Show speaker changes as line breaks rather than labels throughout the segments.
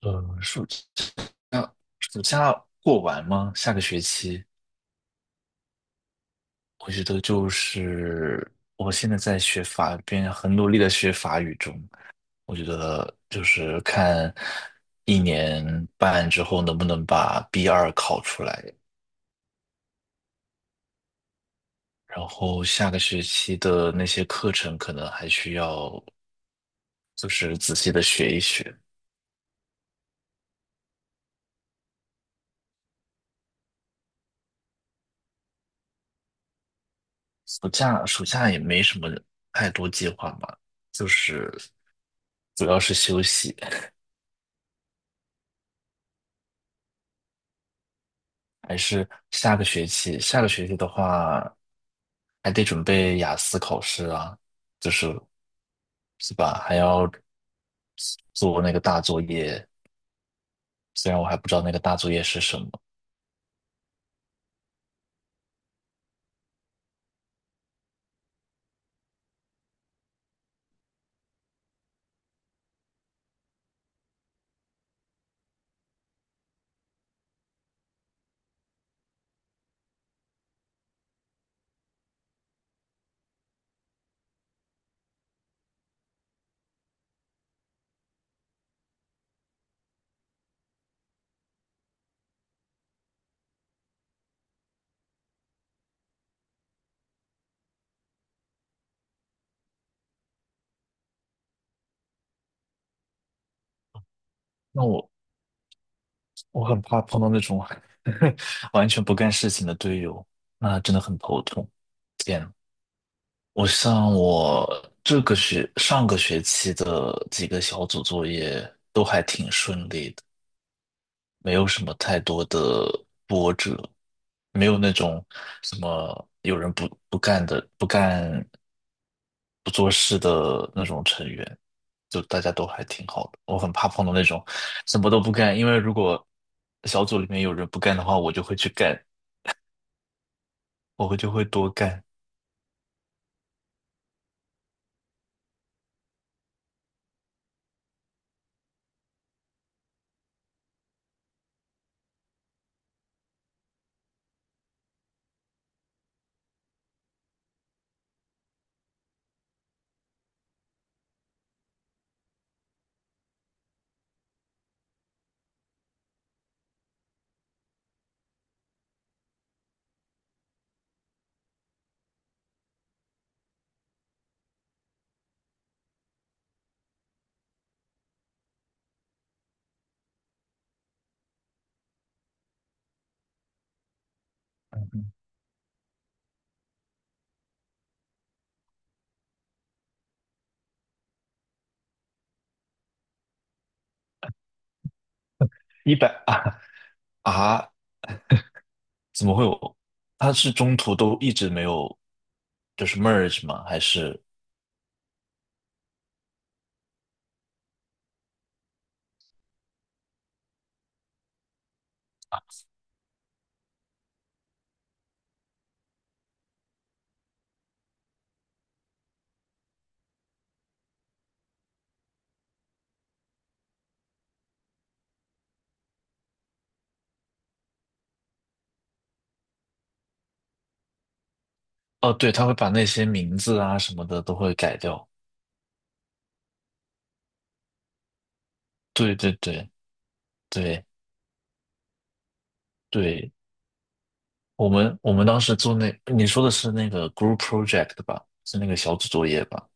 呃，暑假暑假过完吗？下个学期，我觉得就是我现在在学法语，边很努力的学法语中，我觉得就是看一年半之后能不能把 B2考出来，然后下个学期的那些课程可能还需要就是仔细的学一学。暑假也没什么太多计划嘛，就是主要是休息。还是下个学期？下个学期的话，还得准备雅思考试啊，就是是吧？还要做那个大作业，虽然我还不知道那个大作业是什么。那我很怕碰到那种 完全不干事情的队友，那真的很头痛。天，我像我这个学上个学期的几个小组作业都还挺顺利的，没有什么太多的波折。没有那种什么有人不做事的那种成员，就大家都还挺好的。我很怕碰到那种什么都不干，因为如果小组里面有人不干的话，我就会去干，我就会多干。一百啊，啊，怎么会有？他是中途都一直没有，就是 merge 吗？还是？哦，对，他会把那些名字啊什么的都会改掉。对对对对，对，我们当时做那，你说的是那个 group project 吧？是那个小组作业吧？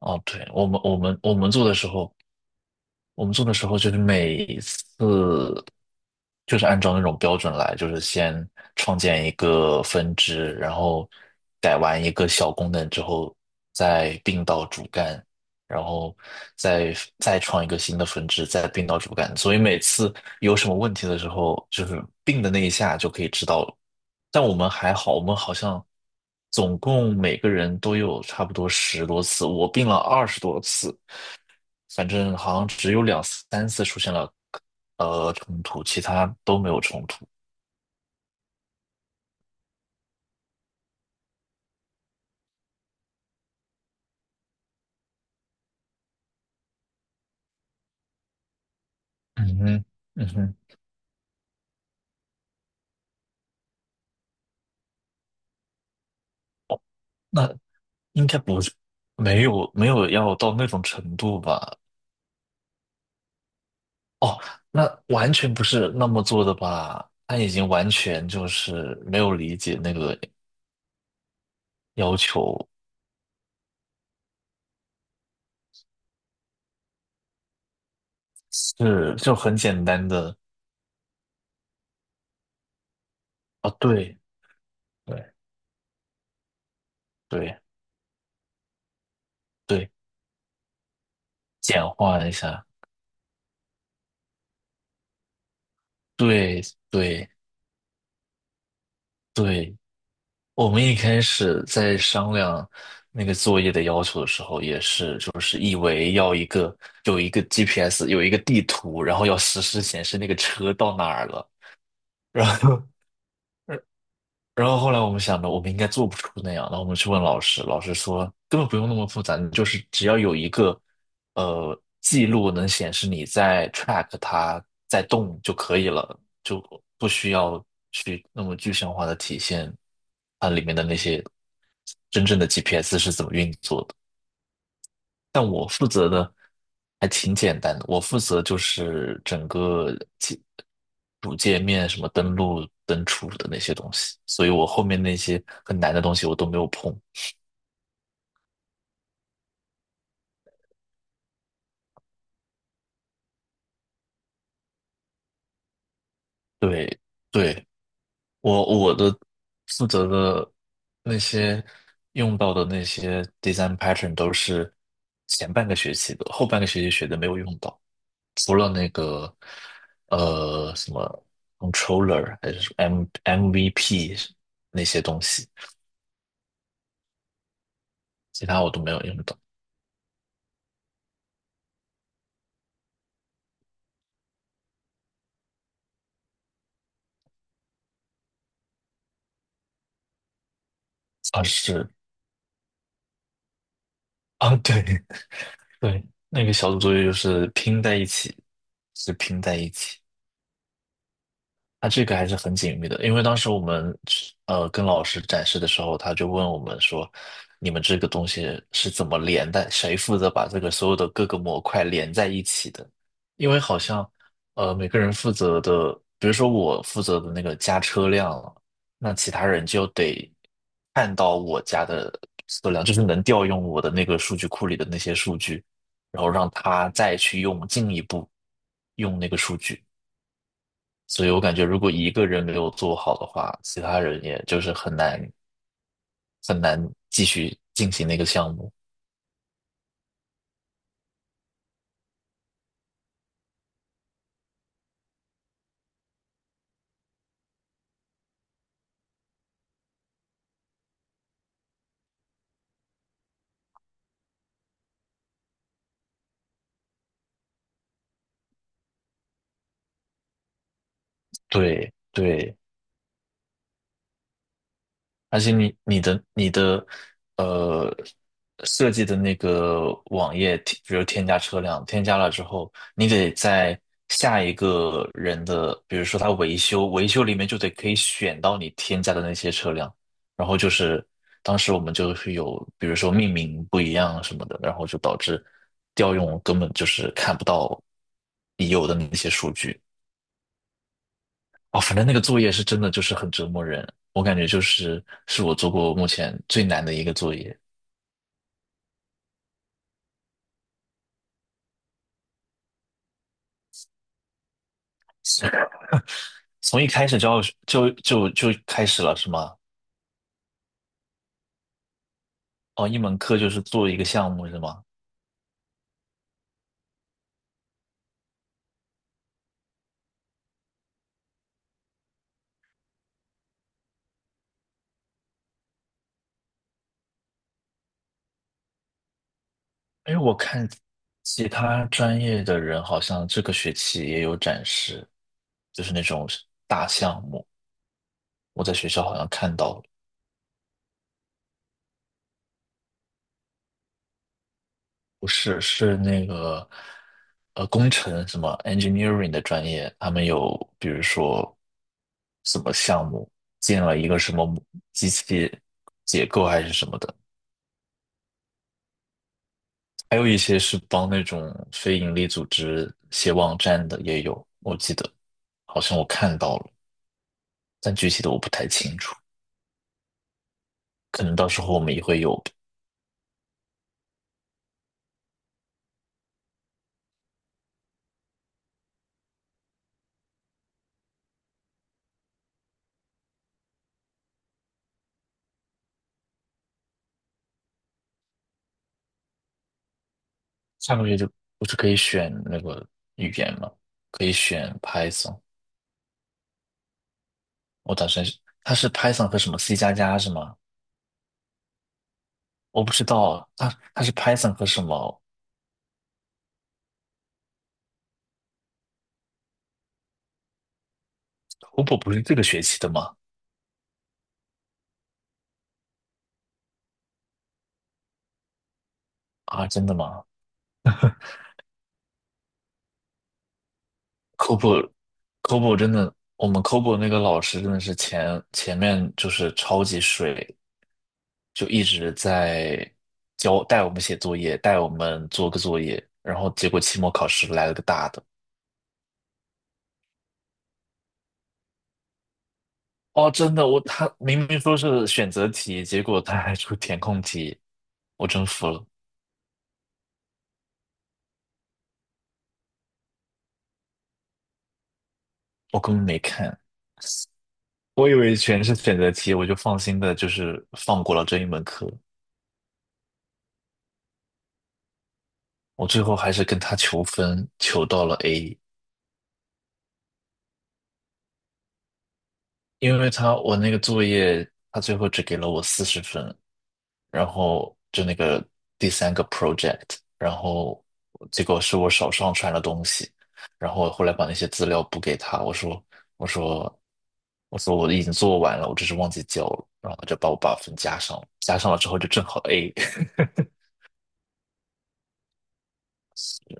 哦，对，我们做的时候，我们做的时候就是每次就是按照那种标准来，就是先创建一个分支，然后改完一个小功能之后，再并到主干，然后再再创一个新的分支，再并到主干。所以每次有什么问题的时候，就是并的那一下就可以知道了。但我们还好，我们好像总共每个人都有差不多十多次，我并了20多次。反正好像只有2、3次出现了冲突，其他都没有冲突。嗯哼，嗯哼，那应该不是，没有要到那种程度吧？哦，那完全不是那么做的吧？他已经完全就是没有理解那个要求，是就很简单的啊，对对对，对，简化一下，对对对。我们一开始在商量那个作业的要求的时候，也是就是以为要一个有一个 GPS，有一个地图，然后要实时显示那个车到哪儿了，然后 然后后来我们想着，我们应该做不出那样。然后我们去问老师，老师说根本不用那么复杂，你就是只要有一个记录能显示你在 track 它在动就可以了，就不需要去那么具象化的体现它里面的那些真正的 GPS 是怎么运作的。但我负责的还挺简单的，我负责就是整个主界面什么登录、登出的那些东西，所以我后面那些很难的东西我都没有碰。对，对，我负责的那些用到的那些 design pattern 都是前半个学期的，后半个学期学的没有用到。除了那个呃什么 controller 还是什么 M MVP 那些东西，其他我都没有用到。啊是啊，对 对，那个小组作业就是拼在一起，是拼在一起。他这个还是很紧密的，因为当时我们跟老师展示的时候，他就问我们说，你们这个东西是怎么连的？谁负责把这个所有的各个模块连在一起的？因为好像每个人负责的，比如说我负责的那个加车辆，了，那其他人就得看到我家的车辆，就是能调用我的那个数据库里的那些数据，然后让他再去用进一步用那个数据。所以我感觉如果一个人没有做好的话，其他人也就是很难很难继续进行那个项目。对对，而且你的呃设计的那个网页，比如添加车辆，添加了之后，你得在下一个人的，比如说他维修，维修里面就得可以选到你添加的那些车辆，然后就是当时我们就是有，比如说命名不一样什么的，然后就导致调用根本就是看不到已有的那些数据。哦，反正那个作业是真的就是很折磨人，我感觉就是是我做过目前最难的一个作业，从一开始就要就开始了是吗？哦，一门课就是做一个项目是吗？哎，我看其他专业的人好像这个学期也有展示，就是那种大项目，我在学校好像看到了。不是，是那个工程什么 engineering 的专业，他们有比如说什么项目建了一个什么机器结构还是什么的，还有一些是帮那种非盈利组织写网站的也有，我记得好像我看到了，但具体的我不太清楚，可能到时候我们也会有。下个月就不是可以选那个语言吗？可以选 Python，我打算是它是 Python 和什么 C++是吗？我不知道，他是 Python 和什么 COBO 不是这个学期的吗？啊，真的吗 c o b o c o b o 真的，我们 COBO 那个老师真的是前面就是超级水，就一直在教带我们写作业，带我们做个作业，然后结果期末考试来了个大的。哦，真的，我他明明说是选择题，结果他还出填空题，我真服了，我根本没看。我以为全是选择题，我就放心的，就是放过了这一门课。我最后还是跟他求分，求到了 A，因为他我那个作业，他最后只给了我40分，然后就那个第三个 project，然后结果是我少上传了东西，然后我后来把那些资料补给他，我说我说我已经做完了，我只是忘记交了，然后他就把我把分加上了，加上了之后就正好 A。